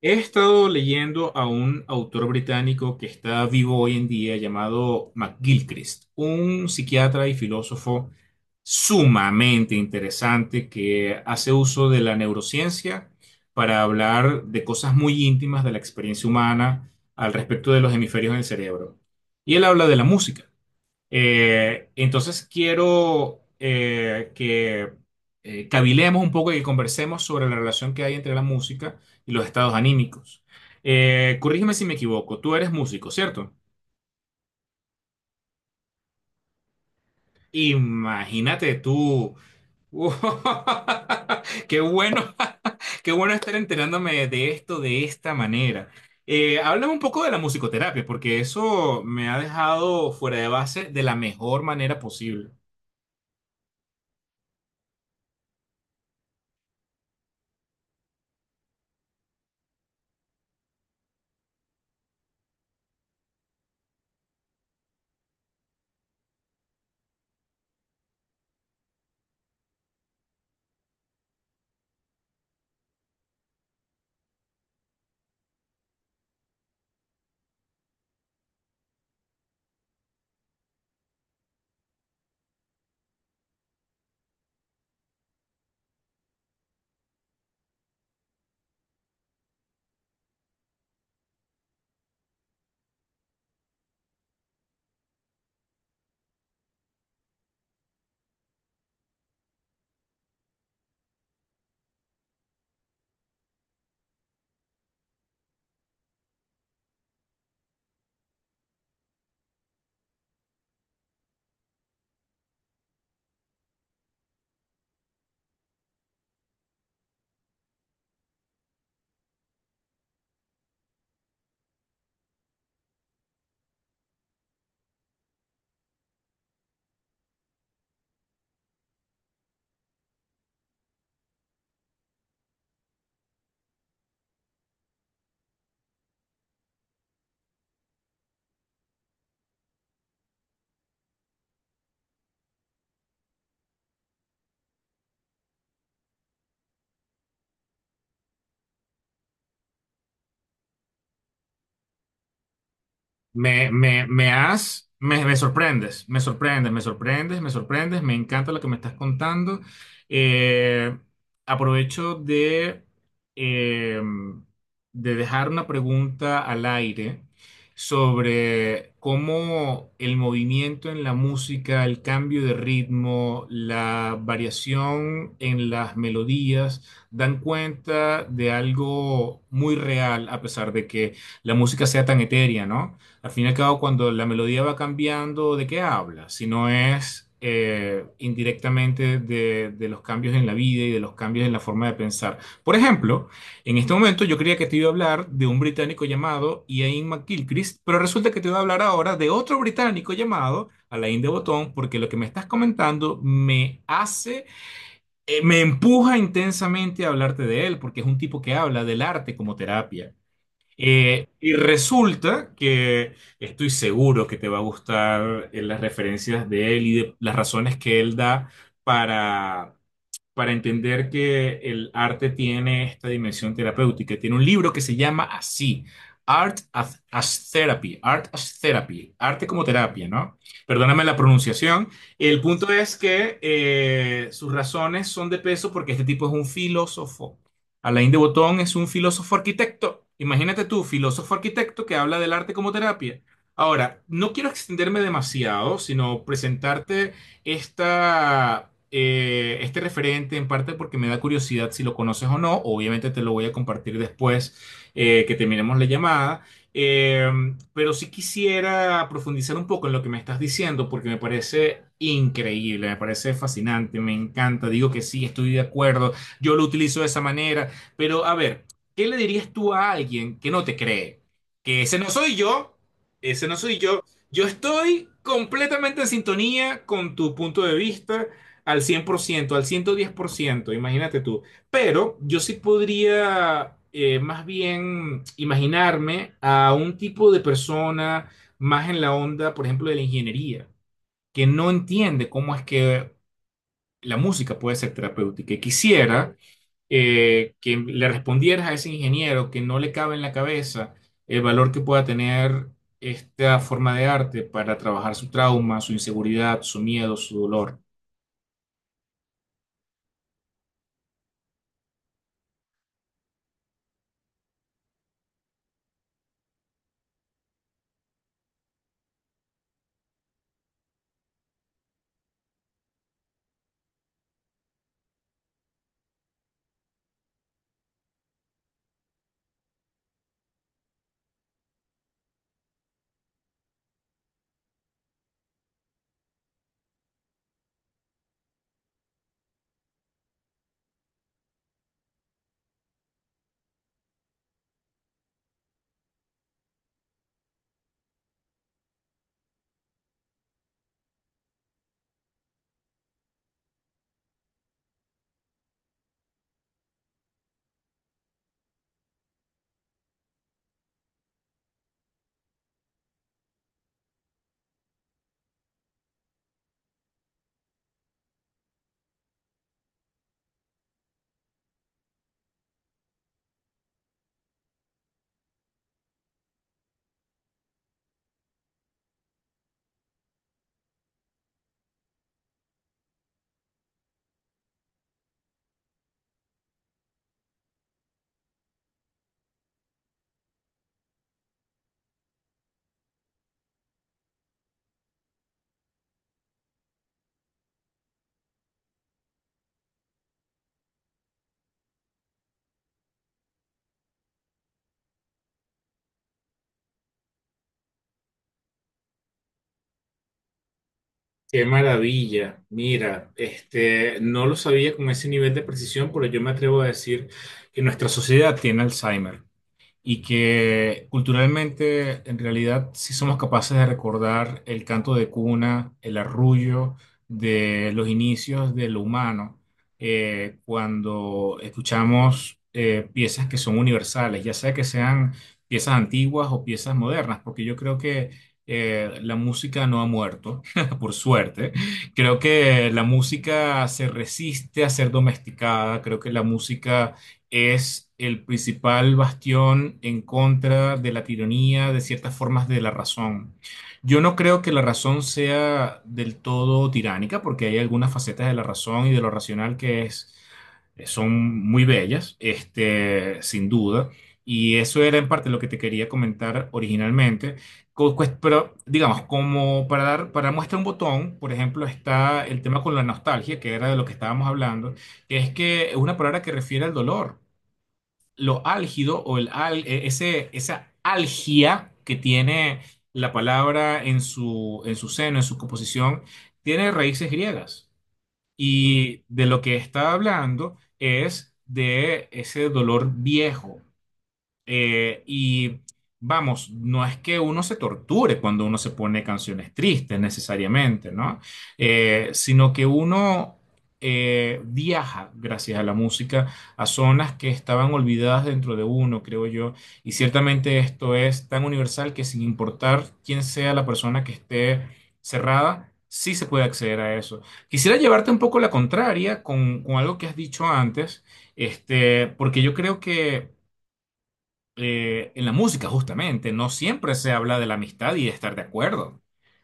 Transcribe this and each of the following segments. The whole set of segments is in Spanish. He estado leyendo a un autor británico que está vivo hoy en día llamado McGilchrist, un psiquiatra y filósofo sumamente interesante que hace uso de la neurociencia para hablar de cosas muy íntimas de la experiencia humana al respecto de los hemisferios del cerebro. Y él habla de la música. Entonces quiero que cavilemos un poco y que conversemos sobre la relación que hay entre la música y los estados anímicos. Corrígeme si me equivoco, tú eres músico, ¿cierto? Imagínate tú. Qué bueno, qué bueno estar enterándome de esto de esta manera. Háblame un poco de la musicoterapia, porque eso me ha dejado fuera de base de la mejor manera posible. Me has, me sorprendes, me sorprendes, me sorprendes, me sorprendes, me encanta lo que me estás contando. Eh, Aprovecho eh, de dejar una pregunta al aire sobre cómo el movimiento en la música, el cambio de ritmo, la variación en las melodías, dan cuenta de algo muy real, a pesar de que la música sea tan etérea, ¿no? Al fin y al cabo, cuando la melodía va cambiando, ¿de qué habla? Si no es indirectamente de los cambios en la vida y de los cambios en la forma de pensar. Por ejemplo, en este momento yo creía que te iba a hablar de un británico llamado Ian McGilchrist, pero resulta que te voy a hablar ahora de otro británico llamado Alain de Botton, porque lo que me estás comentando me empuja intensamente a hablarte de él, porque es un tipo que habla del arte como terapia. Y resulta que estoy seguro que te va a gustar las referencias de él y de las razones que él da para, para entender que el arte tiene esta dimensión terapéutica. Tiene un libro que se llama así, Art as Therapy, Art as Therapy, arte como terapia, ¿no? Perdóname la pronunciación. El punto es que sus razones son de peso porque este tipo es un filósofo. Alain de Botton es un filósofo arquitecto. Imagínate tú, filósofo arquitecto que habla del arte como terapia. Ahora, no quiero extenderme demasiado, sino presentarte este referente, en parte porque me da curiosidad si lo conoces o no. Obviamente te lo voy a compartir después que terminemos la llamada. Eh, pero sí quisiera profundizar un poco en lo que me estás diciendo porque me parece increíble, me parece fascinante, me encanta. Digo que sí, estoy de acuerdo. Yo lo utilizo de esa manera. Pero a ver, ¿qué le dirías tú a alguien que no te cree? Que ese no soy yo. Ese no soy yo. Yo estoy completamente en sintonía con tu punto de vista al 100%, al 110%. Imagínate tú. Pero yo sí podría más bien imaginarme a un tipo de persona más en la onda, por ejemplo, de la ingeniería, que no entiende cómo es que la música puede ser terapéutica y quisiera que le respondieras a ese ingeniero que no le cabe en la cabeza el valor que pueda tener esta forma de arte para trabajar su trauma, su inseguridad, su miedo, su dolor. Qué maravilla. Mira, este, no lo sabía con ese nivel de precisión, pero yo me atrevo a decir que nuestra sociedad tiene Alzheimer. Y que culturalmente en realidad sí somos capaces de recordar el canto de cuna, el arrullo de los inicios de lo humano, cuando escuchamos piezas que son universales, ya sea que sean piezas antiguas o piezas modernas, porque yo creo que la música no ha muerto, por suerte. Creo que la música se resiste a ser domesticada, creo que la música es el principal bastión en contra de la tiranía, de ciertas formas de la razón. Yo no creo que la razón sea del todo tiránica, porque hay algunas facetas de la razón y de lo racional son muy bellas, este, sin duda. Y eso era en parte lo que te quería comentar originalmente. Pero, digamos, como para dar, para muestra un botón, por ejemplo, está el tema con la nostalgia, que era de lo que estábamos hablando, que es una palabra que refiere al dolor lo álgido o esa algia que tiene la palabra en su seno, en su composición, tiene raíces griegas. Y de lo que está hablando es de ese dolor viejo. Y vamos, no es que uno se torture cuando uno se pone canciones tristes necesariamente, ¿no? Sino que uno viaja gracias a la música a zonas que estaban olvidadas dentro de uno, creo yo. Y ciertamente esto es tan universal que sin importar quién sea la persona que esté cerrada, sí se puede acceder a eso. Quisiera llevarte un poco la contraria con algo que has dicho antes, este, porque yo creo que en la música justamente no siempre se habla de la amistad y de estar de acuerdo.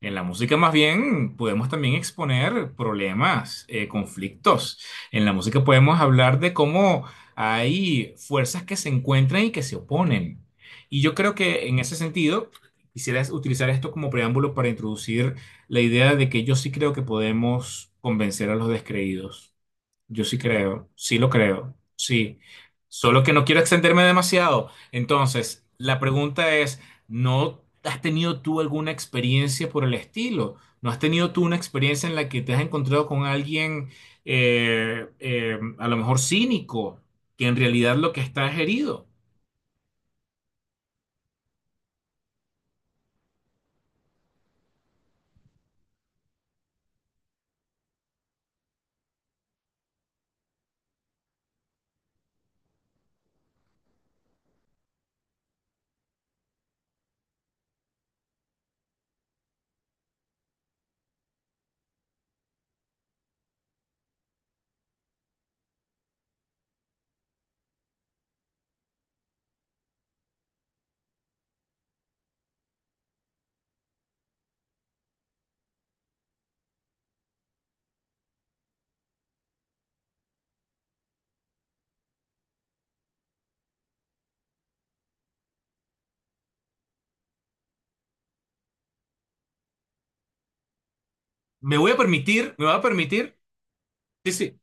En la música más bien podemos también exponer problemas, conflictos. En la música podemos hablar de cómo hay fuerzas que se encuentran y que se oponen. Y yo creo que en ese sentido quisiera utilizar esto como preámbulo para introducir la idea de que yo sí creo que podemos convencer a los descreídos. Yo sí creo, sí lo creo, sí. Solo que no quiero extenderme demasiado. Entonces, la pregunta es, ¿no has tenido tú alguna experiencia por el estilo? ¿No has tenido tú una experiencia en la que te has encontrado con alguien a lo mejor cínico, que en realidad lo que está es herido? Me voy a permitir, me voy a permitir, sí, sí,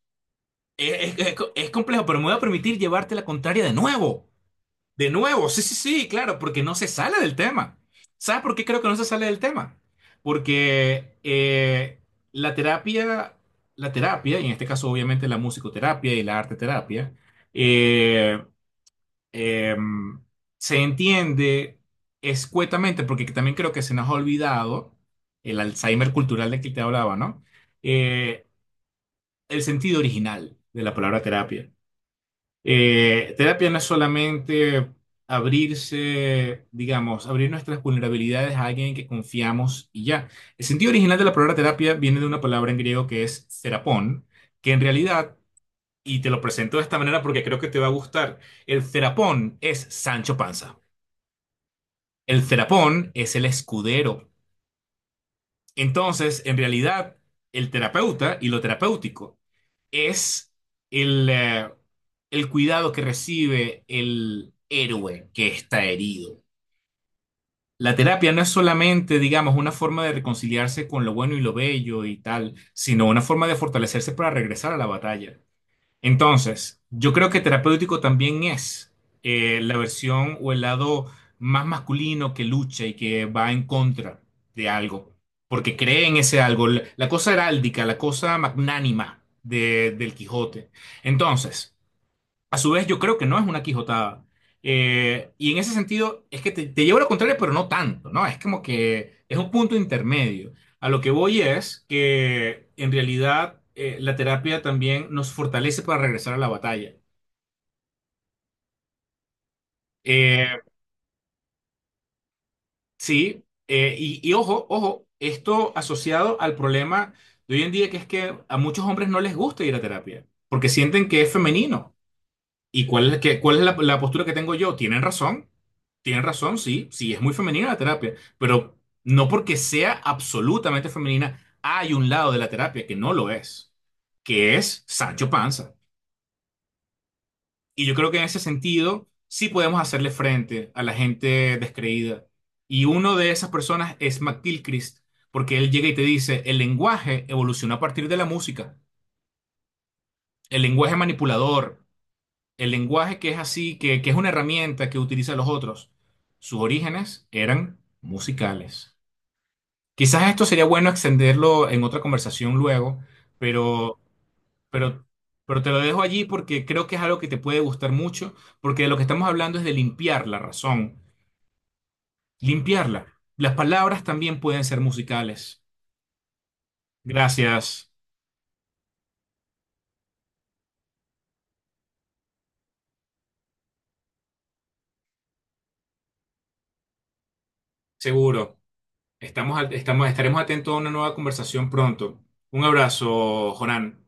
es complejo, pero me voy a permitir llevarte la contraria de nuevo. De nuevo, sí, sí, sí, claro, porque no se sale del tema. ¿Sabes por qué creo que no se sale del tema? Porque la terapia, la terapia, y en este caso obviamente la musicoterapia y la arte terapia, eh, em, se entiende escuetamente, porque también creo que se nos ha olvidado el Alzheimer cultural de que te hablaba, ¿no? Eh, el sentido original de la palabra terapia. Terapia no es solamente abrirse, digamos, abrir nuestras vulnerabilidades a alguien en que confiamos y ya. El sentido original de la palabra terapia viene de una palabra en griego que es terapón, que en realidad, y te lo presento de esta manera porque creo que te va a gustar, el terapón es Sancho Panza. El terapón es el escudero. Entonces, en realidad, el terapeuta y lo terapéutico es el, eh, el cuidado que recibe el héroe que está herido. La terapia no es solamente, digamos, una forma de reconciliarse con lo bueno y lo bello y tal, sino una forma de fortalecerse para regresar a la batalla. Entonces, yo creo que terapéutico también es la versión o el lado más masculino que lucha y que va en contra de algo, porque cree en ese algo, la cosa heráldica, la cosa magnánima del Quijote. Entonces, a su vez, yo creo que no es una quijotada. Y en ese sentido, es que te llevo a lo contrario, pero no tanto, ¿no? Es como que es un punto intermedio. A lo que voy es que en realidad la terapia también nos fortalece para regresar a la batalla. Eh, sí, y ojo, ojo, esto asociado al problema de hoy en día, que es que a muchos hombres no les gusta ir a terapia, porque sienten que es femenino. ¿Y cuál es la postura que tengo yo? Tienen razón, sí, sí, es muy femenina la terapia, pero no porque sea absolutamente femenina, hay un lado de la terapia que no lo es, que es Sancho Panza. Y yo creo que en ese sentido sí podemos hacerle frente a la gente descreída. Y uno de esas personas es McGilchrist, porque él llega y te dice, el lenguaje evolucionó a partir de la música, el lenguaje manipulador. El lenguaje que es así, que es una herramienta que utilizan los otros, sus orígenes eran musicales. Quizás esto sería bueno extenderlo en otra conversación luego, pero, pero, te lo dejo allí porque creo que es algo que te puede gustar mucho, porque de lo que estamos hablando es de limpiar la razón, limpiarla. Las palabras también pueden ser musicales. Gracias, seguro. Estaremos atentos a una nueva conversación pronto. Un abrazo, Jonan.